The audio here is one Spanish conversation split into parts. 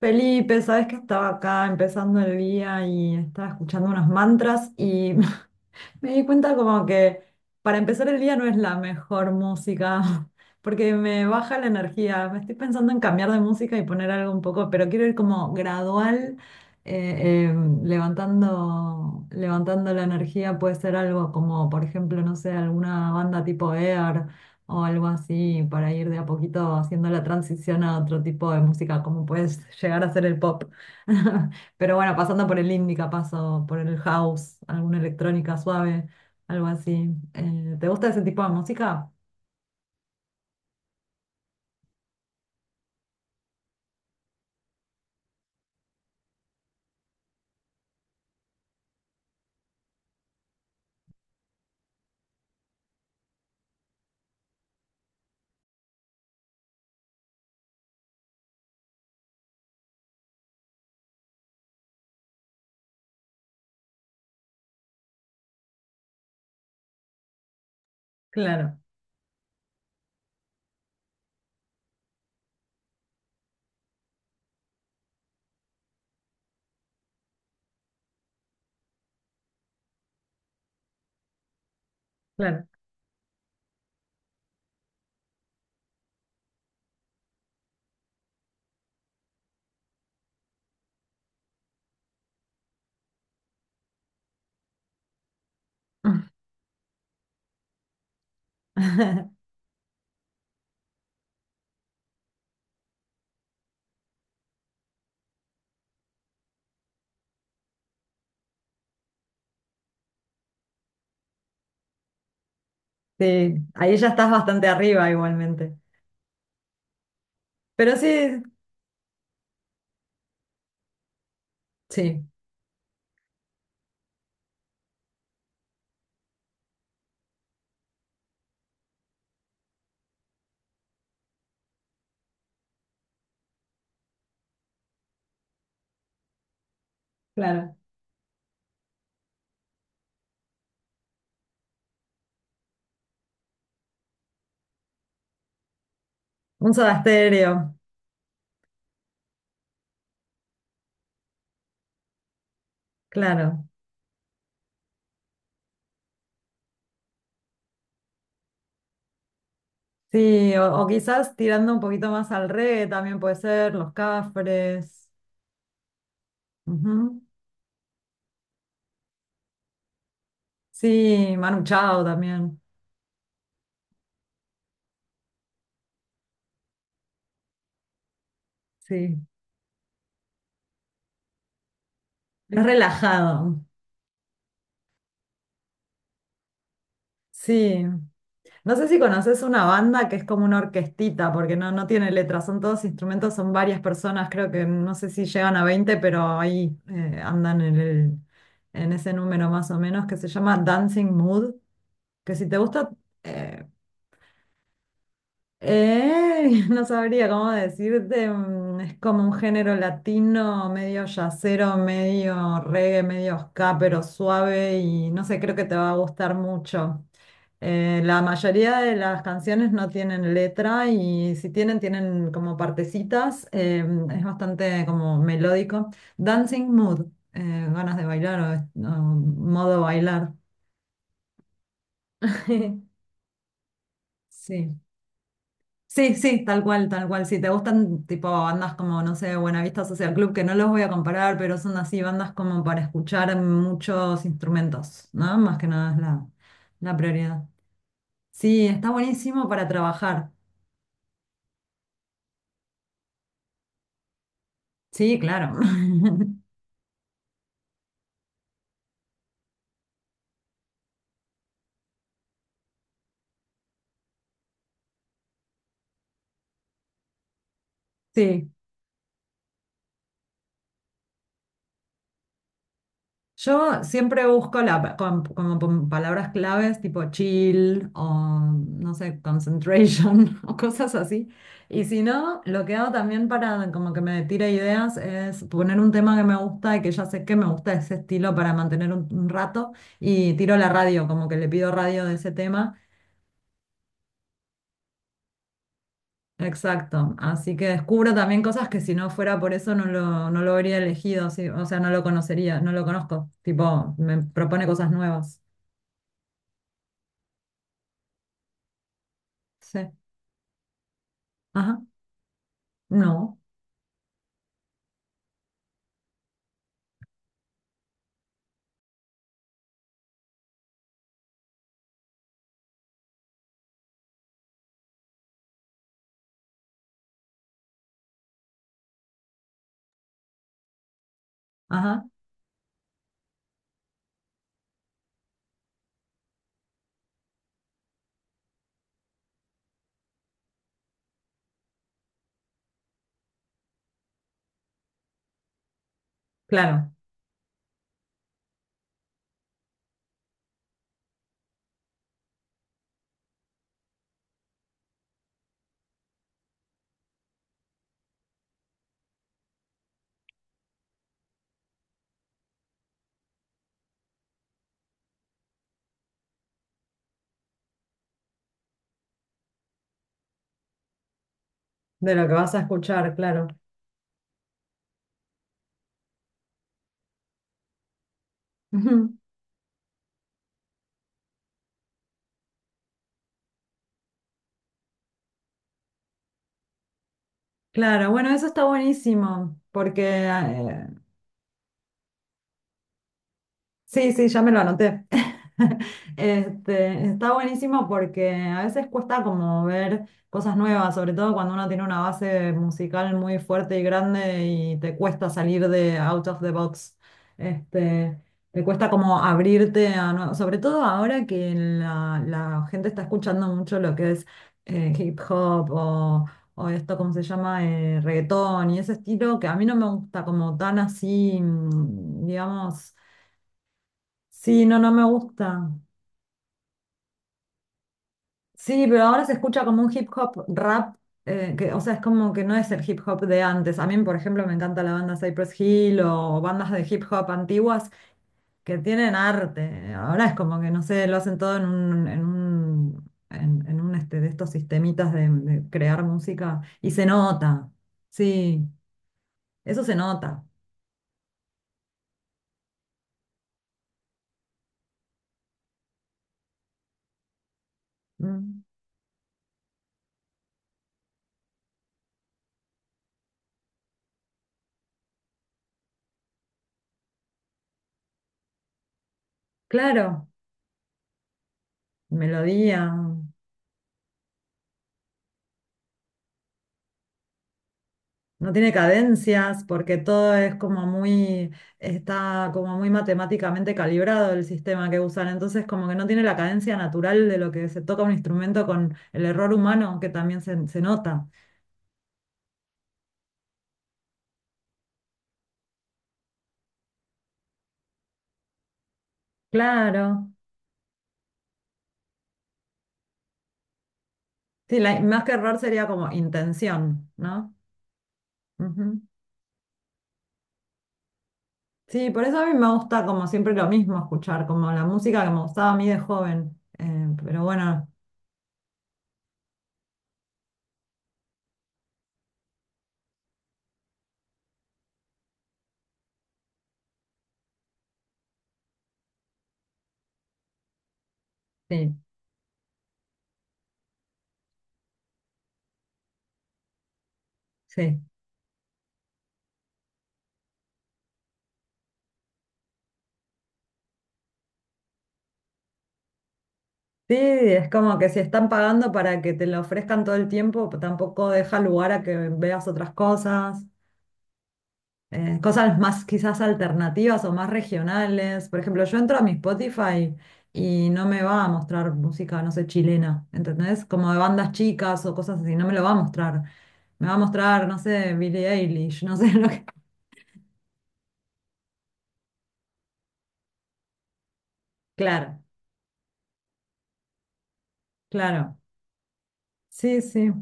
Felipe, sabes que estaba acá empezando el día y estaba escuchando unos mantras y me di cuenta como que para empezar el día no es la mejor música, porque me baja la energía. Me estoy pensando en cambiar de música y poner algo un poco, pero quiero ir como gradual, eh, eh, levantando, levantando la energía. Puede ser algo como, por ejemplo, no sé, alguna banda tipo Air o algo así, para ir de a poquito haciendo la transición a otro tipo de música, como puedes llegar a ser el pop. Pero bueno, pasando por el indica, paso por el house, alguna electrónica suave, algo así. ¿Te gusta ese tipo de música? Claro, claro. Sí, ahí ya estás bastante arriba igualmente. Pero sí, sí, claro. Un Soda Stereo, claro. Sí, o quizás tirando un poquito más al reggae también puede ser, Los Cafres. Ujú. Sí, Manu Chao también. Sí, es relajado. Sí. No sé si conoces una banda que es como una orquestita, porque no, no tiene letras, son todos instrumentos, son varias personas, creo que no sé si llegan a 20, pero ahí andan en el, en ese número más o menos, que se llama Dancing Mood, que si te gusta, eh, no sabría cómo decirte, mm, es como un género latino, medio yacero, medio reggae, medio ska, pero suave y no sé, creo que te va a gustar mucho. La mayoría de las canciones no tienen letra y si tienen, tienen como partecitas. Es bastante como melódico. Dancing mood, ganas de bailar o modo bailar. Sí. Sí, sí, tal cual, tal cual. Si te gustan tipo bandas como, no sé, Buenavista Social Club, que no los voy a comparar, pero son así bandas como para escuchar muchos instrumentos, ¿no? Más que nada es la, la prioridad. Sí, está buenísimo para trabajar. Sí, claro. Sí, yo siempre busco la, como palabras claves tipo chill o no sé, concentration o cosas así. Y si no, lo que hago también para como que me tire ideas es poner un tema que me gusta y que ya sé que me gusta ese estilo para mantener un rato y tiro la radio, como que le pido radio de ese tema. Exacto, así que descubro también cosas que si no fuera por eso no lo, no lo habría elegido, sí. O sea, no lo conocería, no lo conozco, tipo, me propone cosas nuevas. Sí. Ajá, no, ajá, claro, de lo que vas a escuchar, claro. Ujú. Claro, bueno, eso está buenísimo, porque sí, sí, ya me lo anoté. Este, está buenísimo porque a veces cuesta como ver cosas nuevas, sobre todo cuando uno tiene una base musical muy fuerte y grande y te cuesta salir de out of the box. Este, te cuesta como abrirte a sobre todo ahora que la gente está escuchando mucho lo que es hip hop o esto, ¿cómo se llama? Reggaetón y ese estilo que a mí no me gusta como tan así, mm, digamos. Sí, no, no me gusta. Sí, pero ahora se escucha como un hip hop rap, que, o sea, es como que no es el hip hop de antes. A mí, por ejemplo, me encanta la banda Cypress Hill o bandas de hip hop antiguas que tienen arte. Ahora es como que, no sé, lo hacen todo en un, en un, en un este, de estos sistemitas de crear música y se nota. Sí, eso se nota. Mm. Claro, melodía. No tiene cadencias porque todo es como muy, está como muy matemáticamente calibrado el sistema que usan. Entonces como que no tiene la cadencia natural de lo que se toca un instrumento con el error humano que también se nota. Claro. Sí, más que error sería como intención, ¿no? Ujú. Sí, por eso a mí me gusta como siempre lo mismo escuchar, como la música que me gustaba a mí de joven. Pero bueno, sí, sí. Sí, es como que si están pagando para que te lo ofrezcan todo el tiempo, tampoco deja lugar a que veas otras cosas, cosas más quizás alternativas o más regionales. Por ejemplo, yo entro a mi Spotify y no me va a mostrar música, no sé, chilena, ¿entendés? Como de bandas chicas o cosas así, no me lo va a mostrar. Me va a mostrar, no sé, Billie Eilish, no sé lo que... Claro, claro. Sí, sí.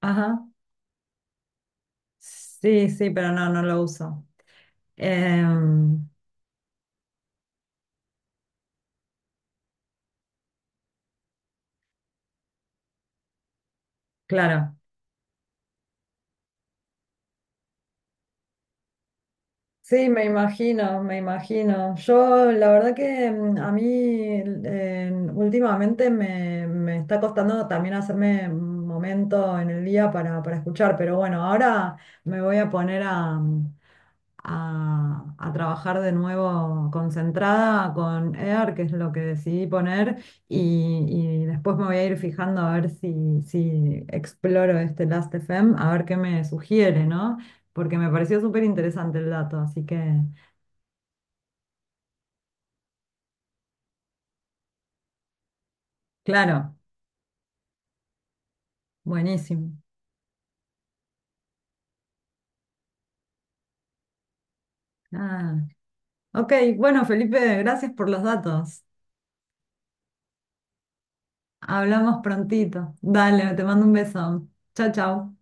Ajá. Sí, sí, pero no, no lo uso. Em, claro. Sí, me imagino, me imagino. Yo, la verdad que mm, a mí últimamente me, me está costando también hacerme un momento en el día para escuchar, pero bueno, ahora me voy a poner a, mm, a trabajar de nuevo concentrada con EAR, que es lo que decidí poner, y después me voy a ir fijando a ver si, si exploro este Last.fm, a ver qué me sugiere, ¿no? Porque me pareció súper interesante el dato, así que, claro, buenísimo. Ah, ok, bueno, Felipe, gracias por los datos. Hablamos prontito. Dale, te mando un beso. Chao, chao.